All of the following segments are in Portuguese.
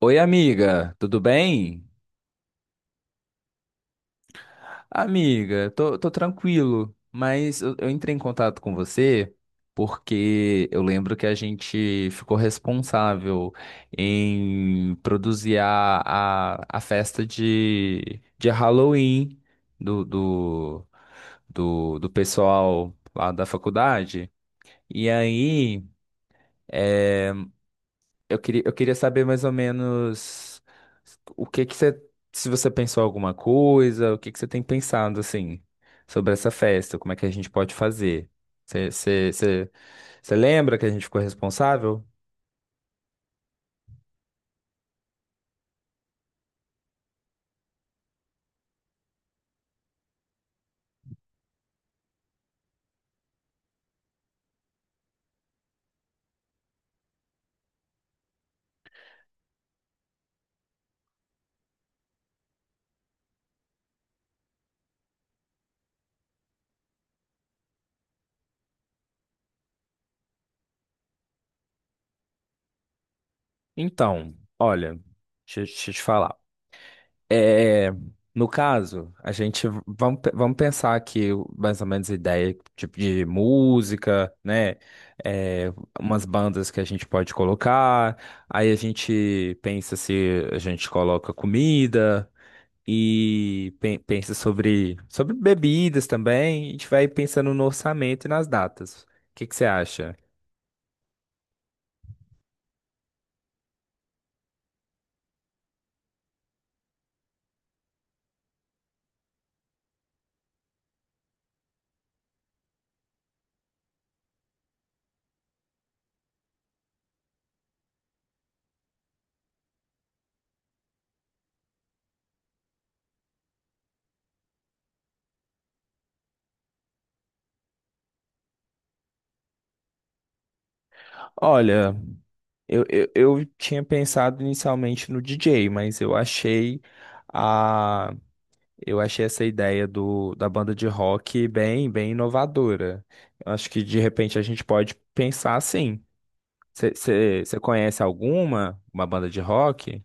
Oi, amiga, tudo bem? Amiga, tô tranquilo, mas eu entrei em contato com você porque eu lembro que a gente ficou responsável em produzir a festa de Halloween do, do, do pessoal lá da faculdade. E aí. Eu queria saber mais ou menos o que que você, se você pensou alguma coisa, o que que você tem pensado assim sobre essa festa, como é que a gente pode fazer? Você, você, você, você lembra que a gente ficou responsável? Então, olha, deixa eu te falar. É, no caso, a gente vamos pensar aqui mais ou menos ideia tipo de música, né? É, umas bandas que a gente pode colocar. Aí a gente pensa se a gente coloca comida e pensa sobre bebidas também. A gente vai pensando no orçamento e nas datas. O que que você acha? Olha, eu tinha pensado inicialmente no DJ, mas a eu achei essa ideia do, da banda de rock bem inovadora. Eu acho que de repente a gente pode pensar assim. Você conhece uma banda de rock?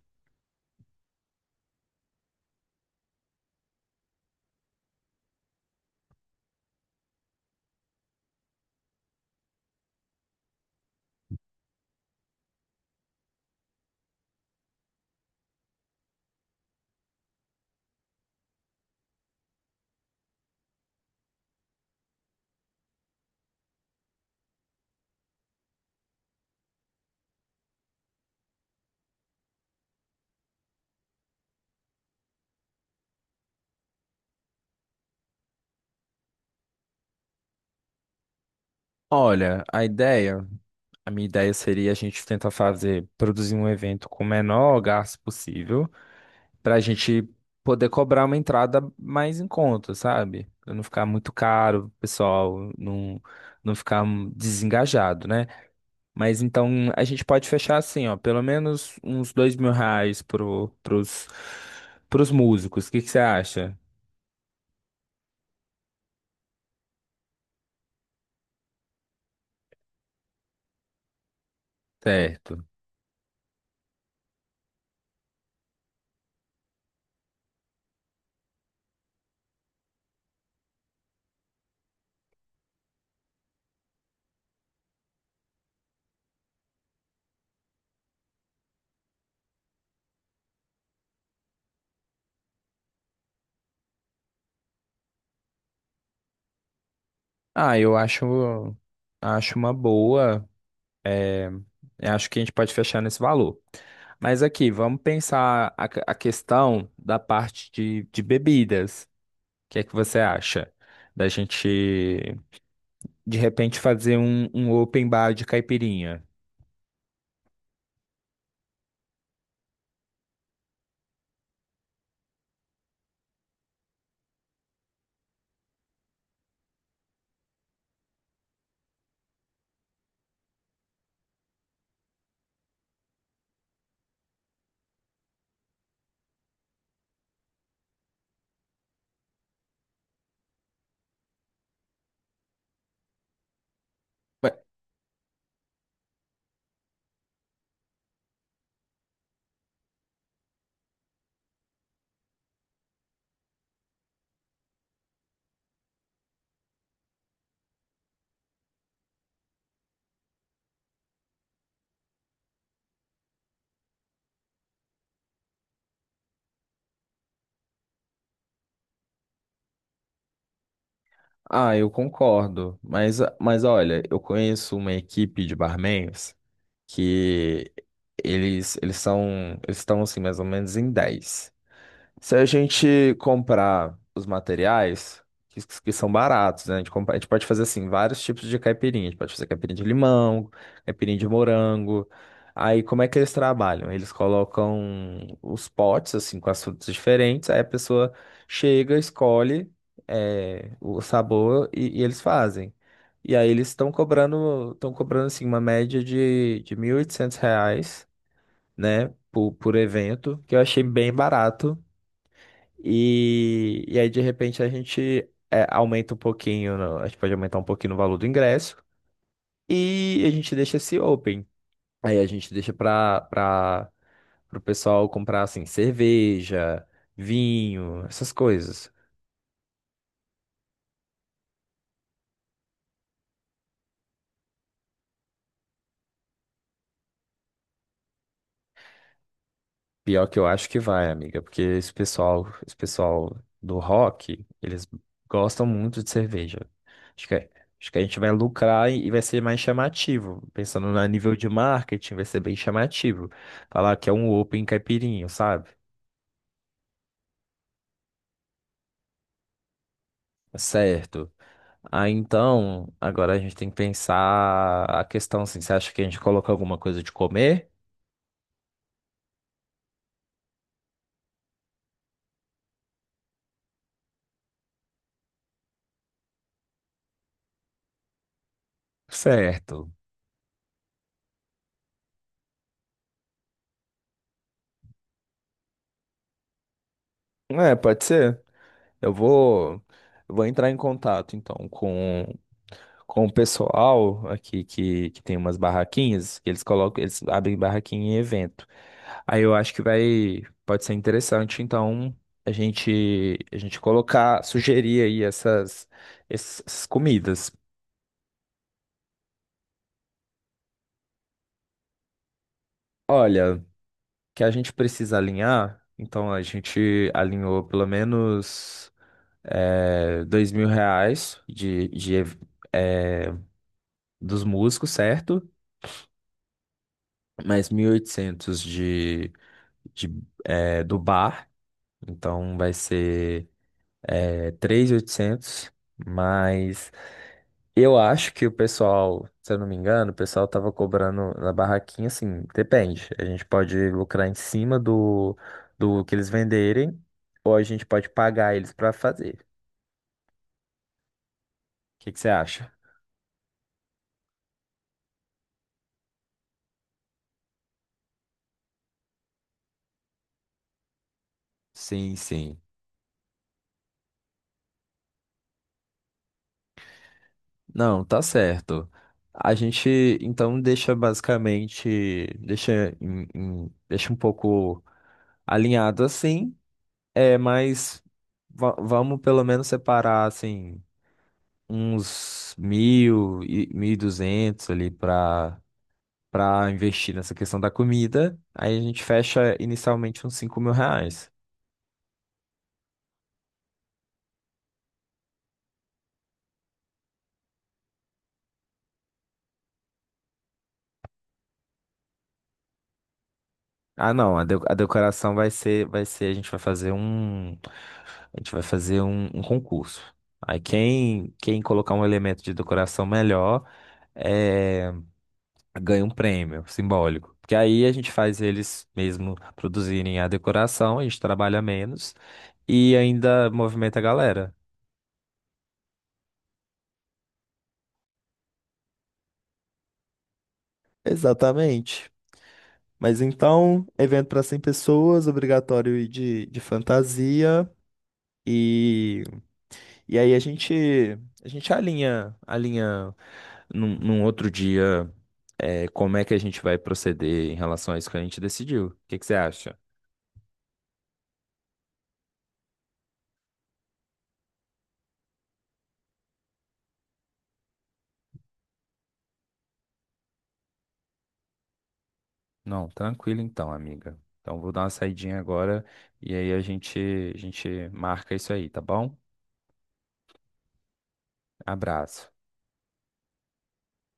Olha, a minha ideia seria a gente tentar fazer, produzir um evento com o menor gasto possível, para a gente poder cobrar uma entrada mais em conta, sabe? Pra não ficar muito caro, o pessoal não, não ficar desengajado, né? Mas então a gente pode fechar assim, ó, pelo menos uns 2000 reais pros músicos. O que que você acha? Certo. Ah, eu acho, acho uma boa. Eu acho que a gente pode fechar nesse valor. Mas aqui, vamos pensar a questão da parte de bebidas. O que é que você acha? Da gente, de repente, fazer um, um open bar de caipirinha. Ah, eu concordo, mas olha, eu conheço uma equipe de barmans que eles, eles são, eles estão assim mais ou menos em 10. Se a gente comprar os materiais, que são baratos, né? A gente, a gente pode fazer assim, vários tipos de caipirinha. A gente pode fazer caipirinha de limão, caipirinha de morango. Aí, como é que eles trabalham? Eles colocam os potes, assim, com as frutas diferentes. Aí a pessoa chega, escolhe, é, o sabor e eles fazem. E aí eles estão cobrando, assim, uma média de 1800 reais, né? Por evento, que eu achei bem barato e aí, de repente, a gente é, aumenta um pouquinho, a gente pode aumentar um pouquinho no valor do ingresso e a gente deixa esse open. Aí a gente deixa para o pessoal comprar assim, cerveja, vinho, essas coisas. Pior que eu acho que vai, amiga, porque esse pessoal do rock, eles gostam muito de cerveja. Acho que, acho que a gente vai lucrar e vai ser mais chamativo. Pensando no nível de marketing, vai ser bem chamativo. Falar que é um open caipirinho, sabe? É certo. Ah, então, agora a gente tem que pensar a questão assim, você acha que a gente coloca alguma coisa de comer? Certo. É, pode ser. Eu vou, eu vou entrar em contato então com o pessoal aqui que tem umas barraquinhas, que eles colocam, eles abrem barraquinha em evento. Aí eu acho que vai, pode ser interessante, então, a gente colocar, sugerir aí essas comidas. Olha, que a gente precisa alinhar, então a gente alinhou pelo menos é, 2000 reais de, é, dos músicos, certo? Mais 1800 de, é, do bar. Então vai ser é, 3800, mas eu acho que o pessoal, se eu não me engano, o pessoal tava cobrando na barraquinha, assim, depende. A gente pode lucrar em cima do, do que eles venderem, ou a gente pode pagar eles para fazer. O que que você acha? Sim, sim. Não, tá certo. A gente então deixa basicamente, deixa, deixa um pouco alinhado assim. É, mas vamos pelo menos separar, assim, uns 1000 e 1200 ali para para investir nessa questão da comida. Aí a gente fecha inicialmente uns 5000 reais. Ah, não, a decoração a gente vai fazer um, a gente vai fazer um, um concurso. Aí quem colocar um elemento de decoração melhor, é ganha um prêmio simbólico. Porque aí a gente faz eles mesmo produzirem a decoração, a gente trabalha menos e ainda movimenta a galera. Exatamente. Mas então, evento para 100 pessoas, obrigatório ir de fantasia. E, e aí a gente, a gente alinha, alinha num, num outro dia, é, como é que a gente vai proceder em relação a isso que a gente decidiu. O que que você acha? Não, tranquilo então, amiga. Então vou dar uma saidinha agora e aí a gente marca isso aí, tá bom? Abraço.